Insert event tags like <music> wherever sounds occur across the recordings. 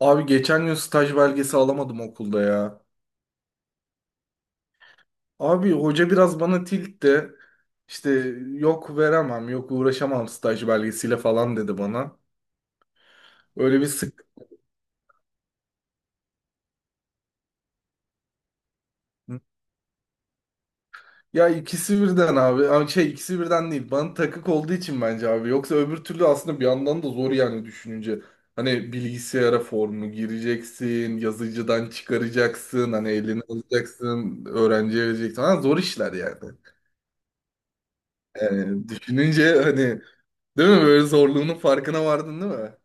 Abi geçen gün staj belgesi alamadım okulda ya. Abi hoca biraz bana tilt de işte yok veremem, yok uğraşamam staj belgesiyle falan dedi bana. Öyle bir sık. Ya ikisi birden abi. Ama şey ikisi birden değil. Bana takık olduğu için bence abi. Yoksa öbür türlü aslında bir yandan da zor yani düşününce. Hani bilgisayara formu gireceksin, yazıcıdan çıkaracaksın, hani elini alacaksın, öğrenciye vereceksin. Ha, zor işler yani. Yani düşününce, hani, değil mi? Böyle zorluğunun farkına vardın değil mi?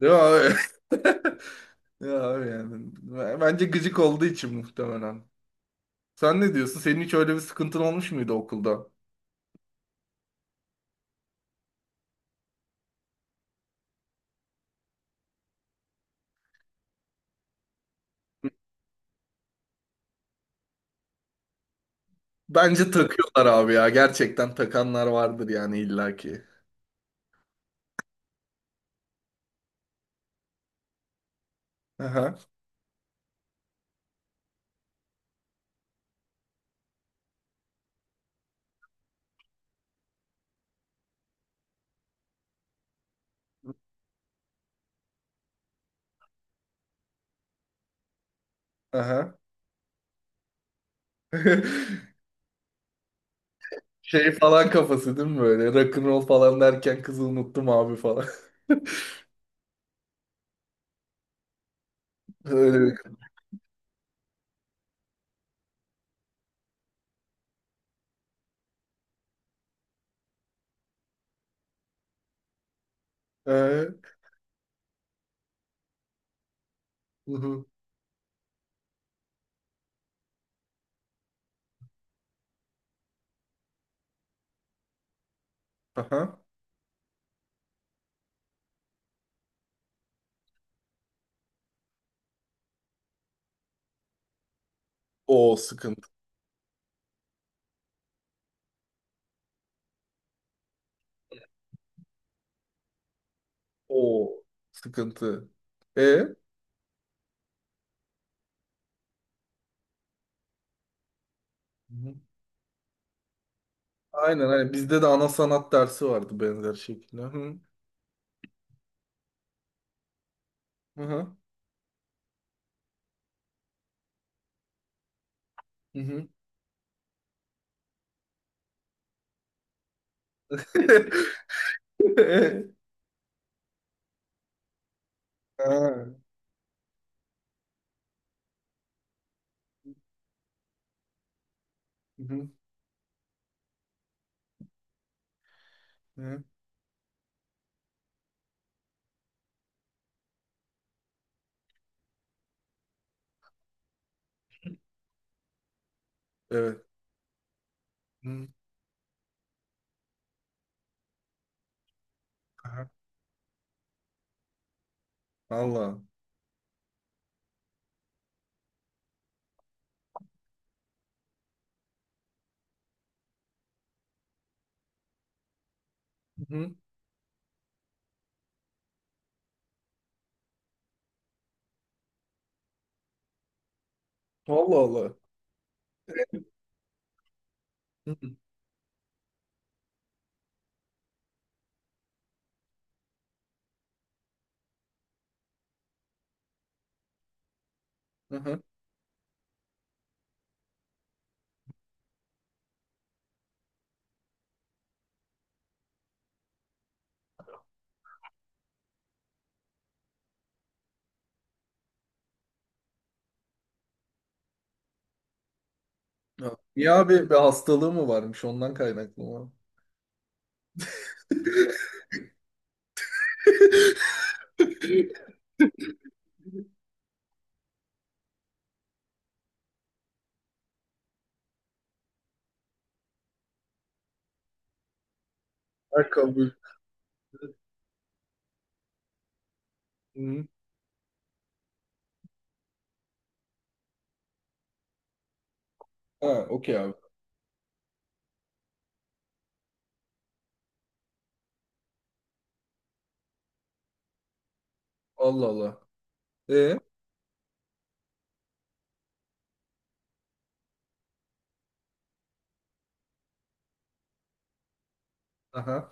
Değil mi abi? <laughs> Ya abi yani. Bence gıcık olduğu için muhtemelen. Sen ne diyorsun? Senin hiç öyle bir sıkıntın olmuş muydu okulda? Bence takıyorlar abi ya. Gerçekten takanlar vardır yani illaki. Aha, aha. <laughs> Şey falan kafası değil mi böyle? Rock'n'roll falan derken kızı unuttum abi falan. <laughs> Öyle bir... Ee, uhu, aha. O sıkıntı. O sıkıntı. E? Aynen aynen. Bizde de ana sanat dersi vardı benzer şekilde. Hı hı. Hı hı. Hı. <laughs> Ha. Hı hı. Hı. Evet. Hı. Aha. Allah. Hı hı. Allah Allah. Hı hı. Hı hı. Ya, niye abi bir hastalığı mı varmış ondan kaynaklı mı? <laughs> Ha, kabul. Hı hı. Ha, okey abi. Allah Allah. E? Aha.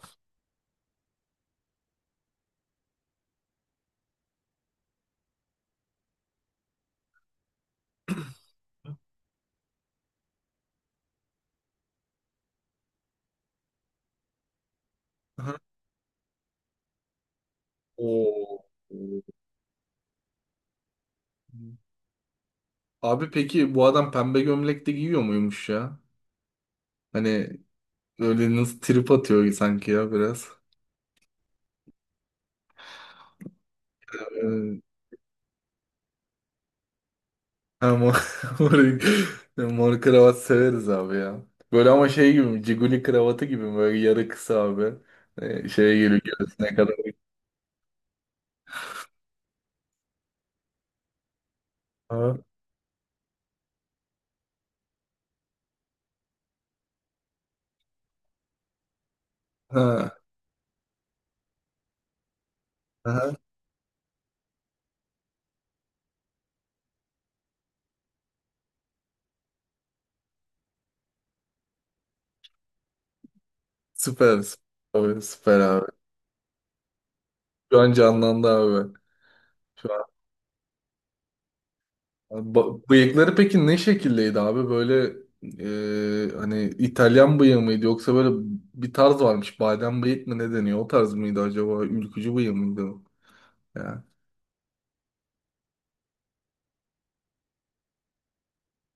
Aha. Oo. Abi peki bu adam pembe gömlek de giyiyor muymuş ya? Hani, öyle nasıl trip atıyor sanki ya biraz. Ee, ama mor, <laughs> mor mor kravat severiz abi ya. Böyle ama şey gibi mi? Ciguli kravatı gibi mi? Böyle yarı kısa abi. Şeye geliyor göğsüne kadar. Ha. Ha. Aha. Süper. Süper abi. Süper abi. Şu an canlandı abi. Şu an. Bıyıkları peki ne şekildeydi abi? Böyle, hani İtalyan bıyığı mıydı, yoksa böyle bir tarz varmış. Badem bıyık mı, ne deniyor? O tarz mıydı acaba? Ülkücü bıyığı mıydı o? Ya.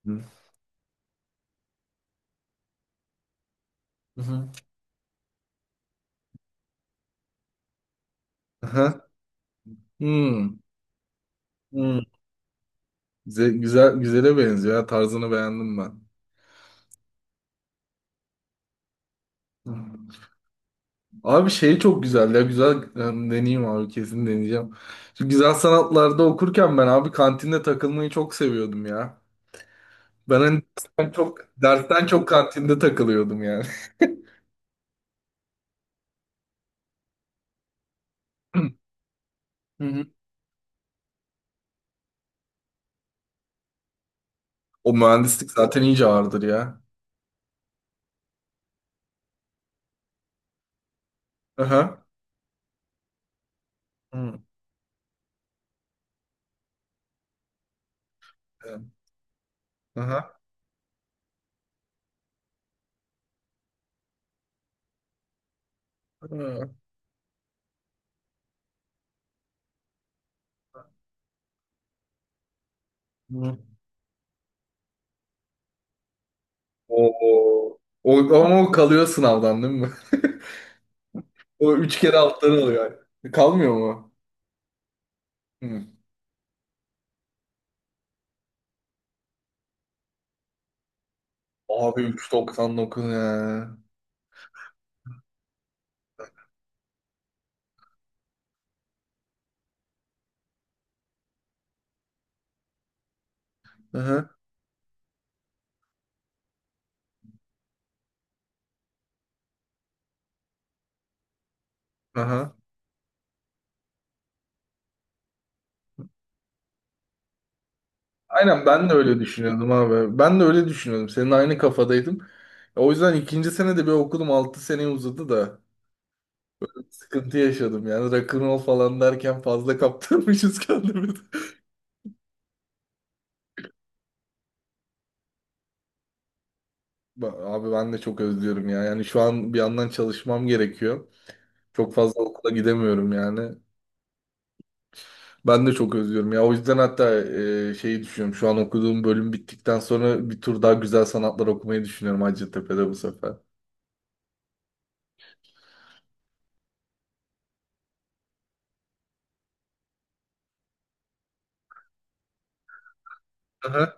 Hı hı. Aha. Hmm. Hmm. Güzel, güzel, güzele benziyor ya. Tarzını beğendim ben. Hı. Abi şey çok güzel ya. Güzel, deneyeyim abi. Kesin deneyeceğim. Şu güzel sanatlarda okurken ben abi kantinde takılmayı çok seviyordum ya. Ben hani dersten çok kantinde takılıyordum yani. <laughs> Hı hı. <clears throat> O mühendislik zaten iyice ağırdır ya. Aha. Hı. Aha. Hı. Hı. O, o, ama o kalıyor sınavdan değil mi? <laughs> O 3 kere alttan alıyor yani. Kalmıyor mu? Hı. Abi 3,99 ya. Aha, aha. Aynen, ben de öyle düşünüyordum abi. Ben de öyle düşünüyordum. Senin aynı kafadaydım. O yüzden ikinci sene de bir okudum. 6 seneye uzadı da. Sıkıntı yaşadım yani. Rock'n'roll falan derken fazla kaptırmışız <laughs> kendimizi. Abi ben de çok özlüyorum ya. Yani şu an bir yandan çalışmam gerekiyor. Çok fazla okula gidemiyorum yani. Ben de çok özlüyorum ya. O yüzden hatta şeyi düşünüyorum. Şu an okuduğum bölüm bittikten sonra bir tur daha güzel sanatlar okumayı düşünüyorum, Hacettepe'de bu sefer. Aha.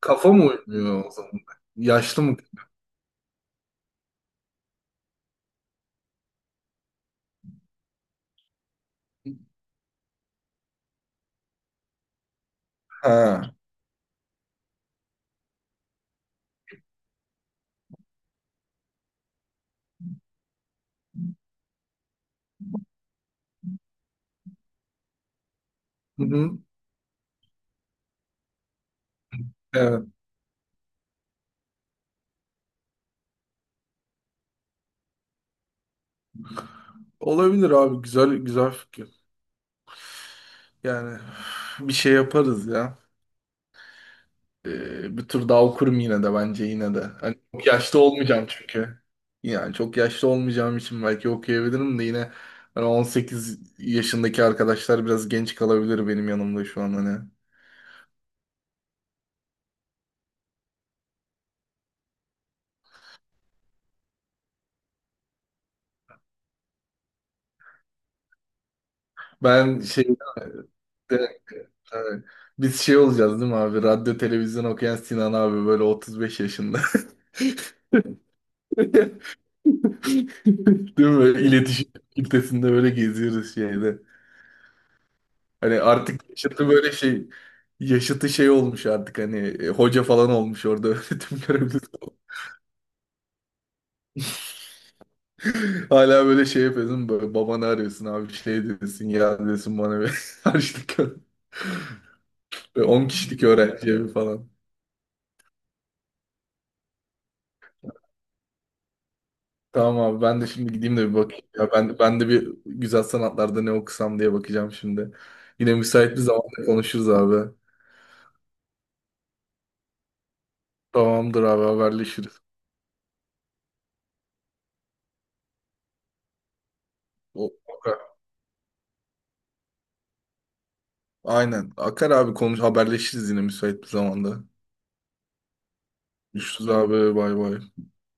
Kafa mı uymuyor o zaman? Yaşlı mı? Ha. Hı hı. Evet. Olabilir abi. Güzel, güzel fikir. Yani bir şey yaparız ya. Bir tur daha okurum yine de, bence yine de. Hani çok yaşlı olmayacağım çünkü. Yani çok yaşlı olmayacağım için belki okuyabilirim de yine, hani 18 yaşındaki arkadaşlar biraz genç kalabilir benim yanımda şu an hani. Ben şey de- evet. Biz şey olacağız değil mi abi? Radyo televizyon okuyan Sinan abi böyle 35 yaşında. <laughs> Değil mi? İletişim kitlesinde böyle geziyoruz şeyde. Hani artık yaşıtı böyle şey, yaşıtı şey olmuş artık, hani hoca falan olmuş orada, <laughs> öğretim görevlisi. Hala böyle şey yapıyorsun, böyle babanı arıyorsun abi, şey diyorsun ya, diyorsun bana bir <laughs> harçlık böyle 10 kişilik öğrenci evi falan. Tamam abi, ben de şimdi gideyim de bir bakayım. Ya ben de bir güzel sanatlarda ne okusam diye bakacağım şimdi. Yine müsait bir zamanda konuşuruz abi. Tamamdır abi, haberleşiriz. O- akar. Aynen. Akar abi, konuş haberleşiriz yine müsait bir zamanda. Görüşürüz abi, bay bay.